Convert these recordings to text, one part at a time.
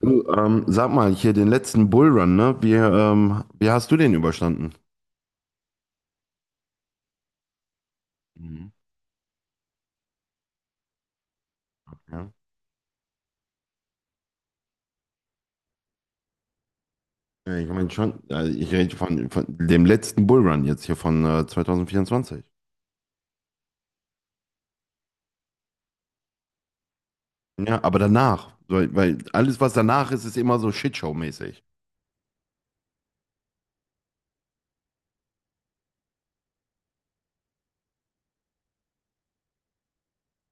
Du, sag mal, hier den letzten Bullrun, ne? Wie, wie hast du den überstanden? Mhm. Ja. Ja, ich meine schon, ich rede von dem letzten Bullrun jetzt hier von 2024. Ja, aber danach, weil alles, was danach ist, ist immer so Shitshow-mäßig.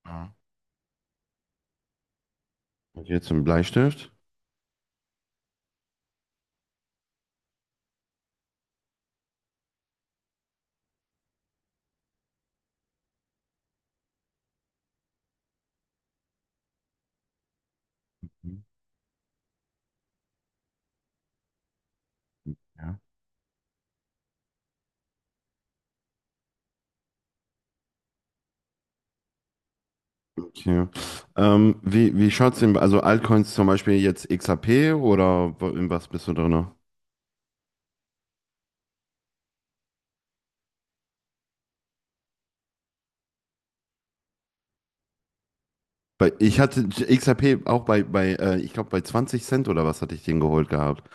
Ja. Und hier zum Bleistift. Mhm. Ja. Okay. Wie schaut's denn, also Altcoins zum Beispiel jetzt XRP oder in was bist du drin? Bei, ich hatte XRP auch bei ich glaube, bei 20 Cent oder was hatte ich den geholt gehabt.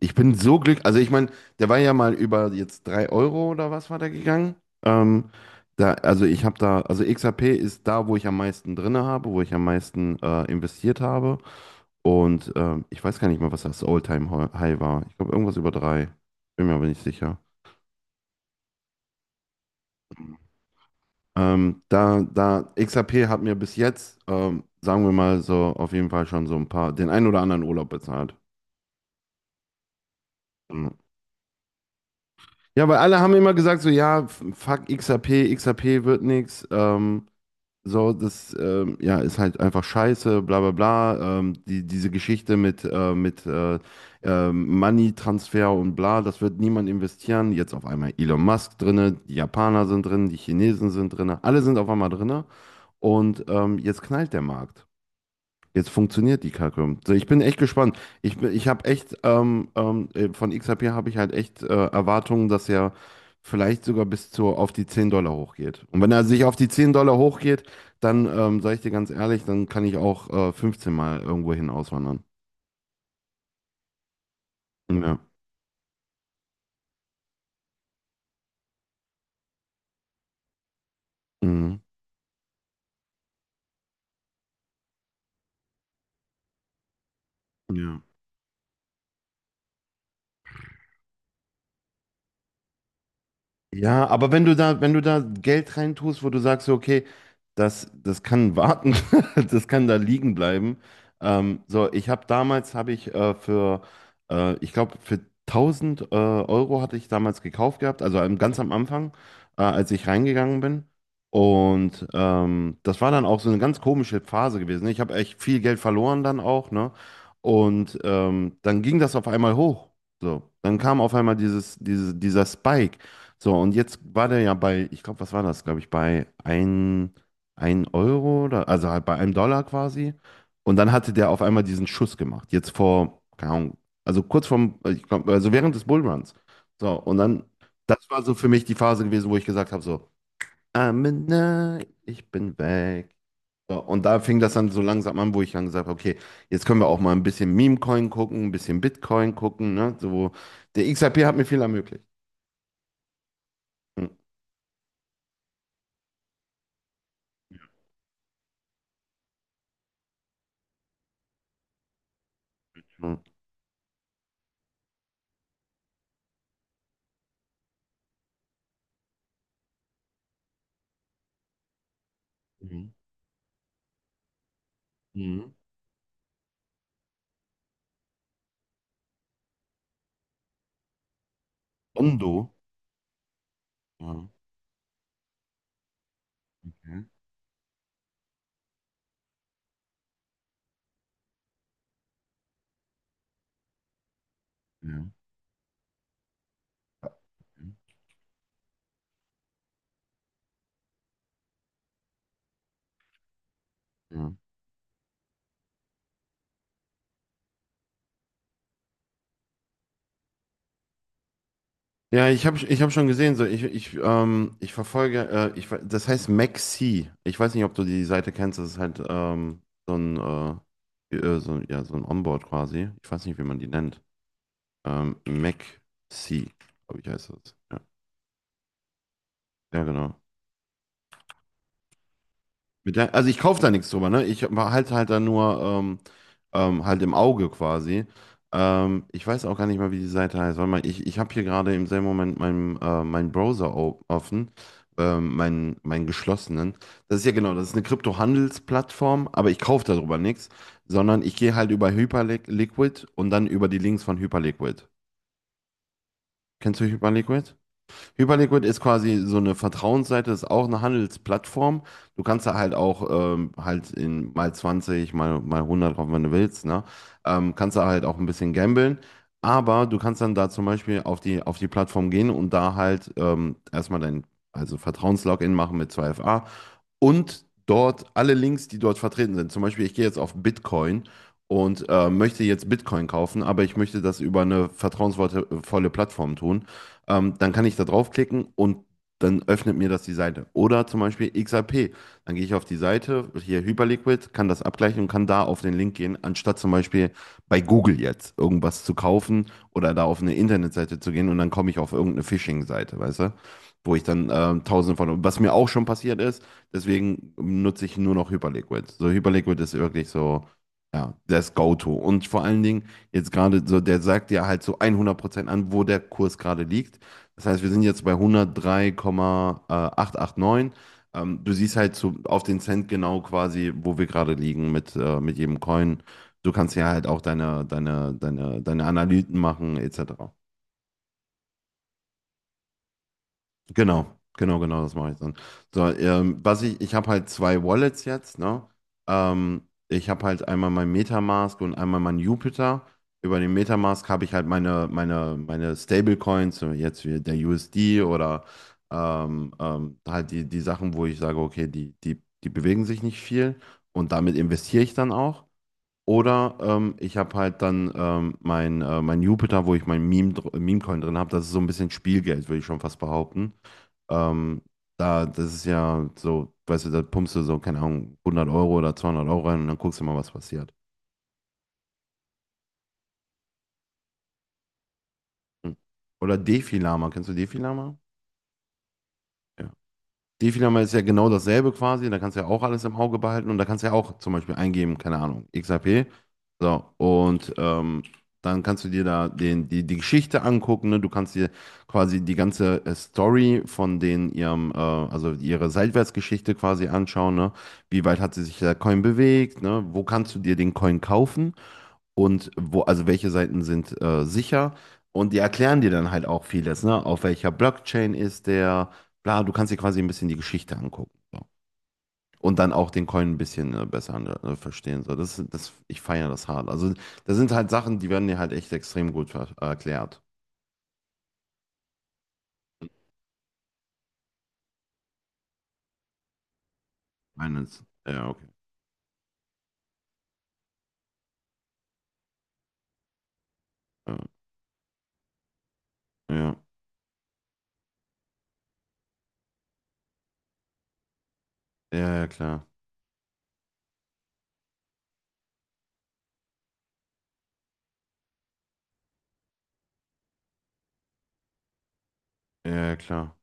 Ich bin so glücklich. Also, ich meine, der war ja mal über jetzt 3 Euro oder was war der gegangen. Ähm, da, also, ich habe da, also XRP ist da, wo ich am meisten drin habe, wo ich am meisten investiert habe. Und ich weiß gar nicht mehr, was das All-Time-High war. Ich glaube, irgendwas über drei. Bin mir aber nicht sicher. Da XRP hat mir bis jetzt, sagen wir mal so, auf jeden Fall schon so ein paar, den einen oder anderen Urlaub bezahlt. Ja, ja, weil alle haben immer gesagt, so, ja, fuck XAP, XAP wird nix, so, das, ja, ist halt einfach scheiße, bla, bla, bla, die, diese Geschichte mit Money-Transfer und bla, das wird niemand investieren, jetzt auf einmal Elon Musk drinne, die Japaner sind drin, die Chinesen sind drinne, alle sind auf einmal drinne und, jetzt knallt der Markt. Jetzt funktioniert die Kacke. So, ich bin echt gespannt. Ich habe echt, von XRP habe ich halt echt Erwartungen, dass er vielleicht sogar bis zu, auf die 10 Dollar hochgeht. Und wenn er sich auf die 10 Dollar hochgeht, dann, sage ich dir ganz ehrlich, dann kann ich auch 15 Mal irgendwo hin auswandern. Ja. Mhm. Ja. Ja, aber wenn du da Geld reintust, wo du sagst, so, okay, das kann warten, das kann da liegen bleiben. So, ich habe damals, habe ich für, ich glaube, für 1000 Euro hatte ich damals gekauft gehabt, also ganz am Anfang, als ich reingegangen bin. Und das war dann auch so eine ganz komische Phase gewesen, ne? Ich habe echt viel Geld verloren dann auch, ne? Und dann ging das auf einmal hoch. So, dann kam auf einmal dieser Spike. So, und jetzt war der ja bei, ich glaube, was war das, glaube ich, bei ein Euro oder, also halt bei einem Dollar quasi. Und dann hatte der auf einmal diesen Schuss gemacht. Jetzt vor, keine Ahnung, also kurz vorm, ich glaub, also während des Bullruns. So, und dann, das war so für mich die Phase gewesen, wo ich gesagt habe, so, I'm in love, ich bin weg. So, und da fing das dann so langsam an, wo ich dann gesagt habe, okay, jetzt können wir auch mal ein bisschen Meme-Coin gucken, ein bisschen Bitcoin gucken, ne? So, der XRP hat mir viel ermöglicht. Mhm. Mhm. Ondo. Ja. Okay. Ja. Ja, ja, ich hab schon gesehen, so ich verfolge, das heißt Maxi. Ich weiß nicht, ob du die Seite kennst, das ist halt so ein, so, ja, so ein Onboard quasi. Ich weiß nicht, wie man die nennt. Maxi, glaube ich, heißt das. Ja, ja, genau. Mit der, also ich kaufe da nichts drüber, ne? Ich halte halt da nur halt im Auge quasi. Ich weiß auch gar nicht mal, wie die Seite heißt. Warte mal, ich habe hier gerade im selben Moment meinen meinen Browser offen, meinen geschlossenen. Das ist ja genau, das ist eine Kryptohandelsplattform, aber ich kaufe darüber nichts, sondern ich gehe halt über Hyperliquid und dann über die Links von Hyperliquid. Kennst du Hyperliquid? Hyperliquid ist quasi so eine Vertrauensseite, ist auch eine Handelsplattform. Du kannst da halt auch halt in mal 20, mal hundert drauf, wenn du willst, ne? Kannst da halt auch ein bisschen gamblen. Aber du kannst dann da zum Beispiel auf die Plattform gehen und da halt erstmal dein also Vertrauenslogin machen mit 2FA und dort alle Links, die dort vertreten sind. Zum Beispiel, ich gehe jetzt auf Bitcoin und möchte jetzt Bitcoin kaufen, aber ich möchte das über eine vertrauensvolle volle Plattform tun, dann kann ich da draufklicken und dann öffnet mir das die Seite. Oder zum Beispiel XRP. Dann gehe ich auf die Seite, hier Hyperliquid, kann das abgleichen und kann da auf den Link gehen, anstatt zum Beispiel bei Google jetzt irgendwas zu kaufen oder da auf eine Internetseite zu gehen und dann komme ich auf irgendeine Phishing-Seite, weißt du? Wo ich dann tausende von, was mir auch schon passiert ist, deswegen nutze ich nur noch Hyperliquid. So, Hyperliquid ist wirklich so, ja, das Go-To. Und vor allen Dingen jetzt gerade so, der sagt dir halt so 100% an, wo der Kurs gerade liegt, das heißt, wir sind jetzt bei 103.889. Du siehst halt so auf den Cent genau quasi, wo wir gerade liegen mit jedem Coin. Du kannst ja halt auch deine Analysen machen, etc. Genau, genau, genau, das mache ich dann. So, ich habe halt zwei Wallets jetzt, ne? Ähm, ich habe halt einmal mein Metamask und einmal mein Jupiter. Über den Metamask habe ich halt meine Stablecoins, so jetzt wie der USD oder halt die Sachen, wo ich sage, okay, die bewegen sich nicht viel und damit investiere ich dann auch. Oder ich habe halt dann mein Jupiter, wo ich mein Meme-Coin drin habe. Das ist so ein bisschen Spielgeld, würde ich schon fast behaupten. Ähm, das ist ja so, weißt du, da pumpst du so, keine Ahnung, 100 € oder 200 € rein und dann guckst du mal, was passiert. Hm. Oder Defi-Lama. Kennst du Defi-Lama? Defi-Lama ist ja genau dasselbe quasi. Da kannst du ja auch alles im Auge behalten und da kannst du ja auch zum Beispiel eingeben, keine Ahnung, XAP. So, und dann kannst du dir da die Geschichte angucken, ne? Du kannst dir quasi die ganze Story von den ihrem, also ihre Seitwärtsgeschichte quasi anschauen. Ne? Wie weit hat sie sich der Coin bewegt? Ne? Wo kannst du dir den Coin kaufen? Und wo, also welche Seiten sind sicher. Und die erklären dir dann halt auch vieles, ne? Auf welcher Blockchain ist der, bla, du kannst dir quasi ein bisschen die Geschichte angucken. So. Und dann auch den Coin ein bisschen besser verstehen. So, ich feiere das hart. Also, das sind halt Sachen, die werden dir halt echt extrem gut erklärt. Finance. Ja, okay. Ja, ja, ja, ja, klar. Ja, ja, klar.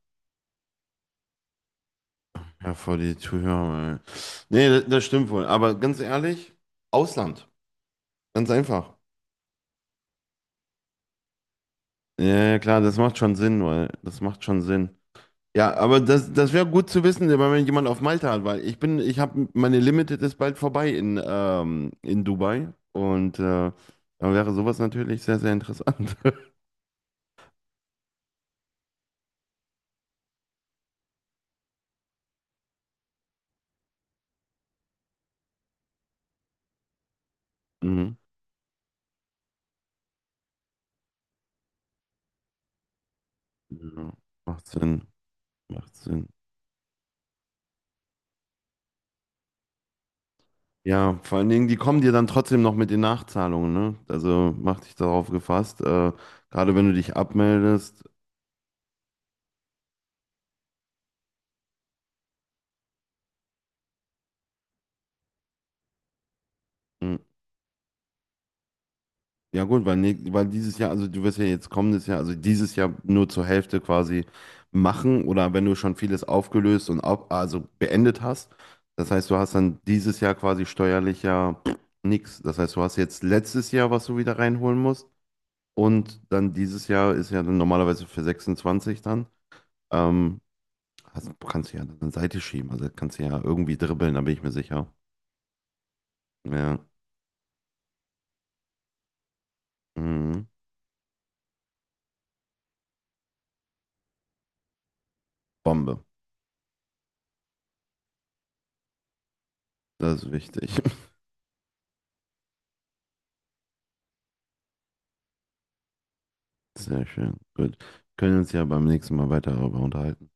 Ja, vor die Zuhörer. Ey. Nee, das stimmt wohl. Aber ganz ehrlich, Ausland. Ganz einfach. Ja, ja, klar, das macht schon Sinn, weil das macht schon Sinn. Ja, aber das wäre gut zu wissen, wenn man jemand auf Malta hat, weil ich habe meine Limited ist bald vorbei in Dubai und da wäre sowas natürlich sehr, sehr interessant. Mhm. Ja, macht Sinn, macht Sinn. Ja, vor allen Dingen, die kommen dir dann trotzdem noch mit den Nachzahlungen, ne? Also mach dich darauf gefasst, gerade wenn du dich abmeldest. Hm. Ja gut, weil, ne, weil dieses Jahr, also du wirst ja jetzt kommendes Jahr, also dieses Jahr nur zur Hälfte quasi machen oder wenn du schon vieles aufgelöst also beendet hast, das heißt, du hast dann dieses Jahr quasi steuerlich ja pff, nix. Das heißt, du hast jetzt letztes Jahr, was du wieder reinholen musst und dann dieses Jahr ist ja dann normalerweise für 26 dann, ähm, kannst du ja dann Seite schieben, also kannst du ja irgendwie dribbeln, da bin ich mir sicher. Ja, mhm. Bombe, das ist wichtig. Sehr schön. Gut. Können uns ja beim nächsten Mal weiter darüber unterhalten.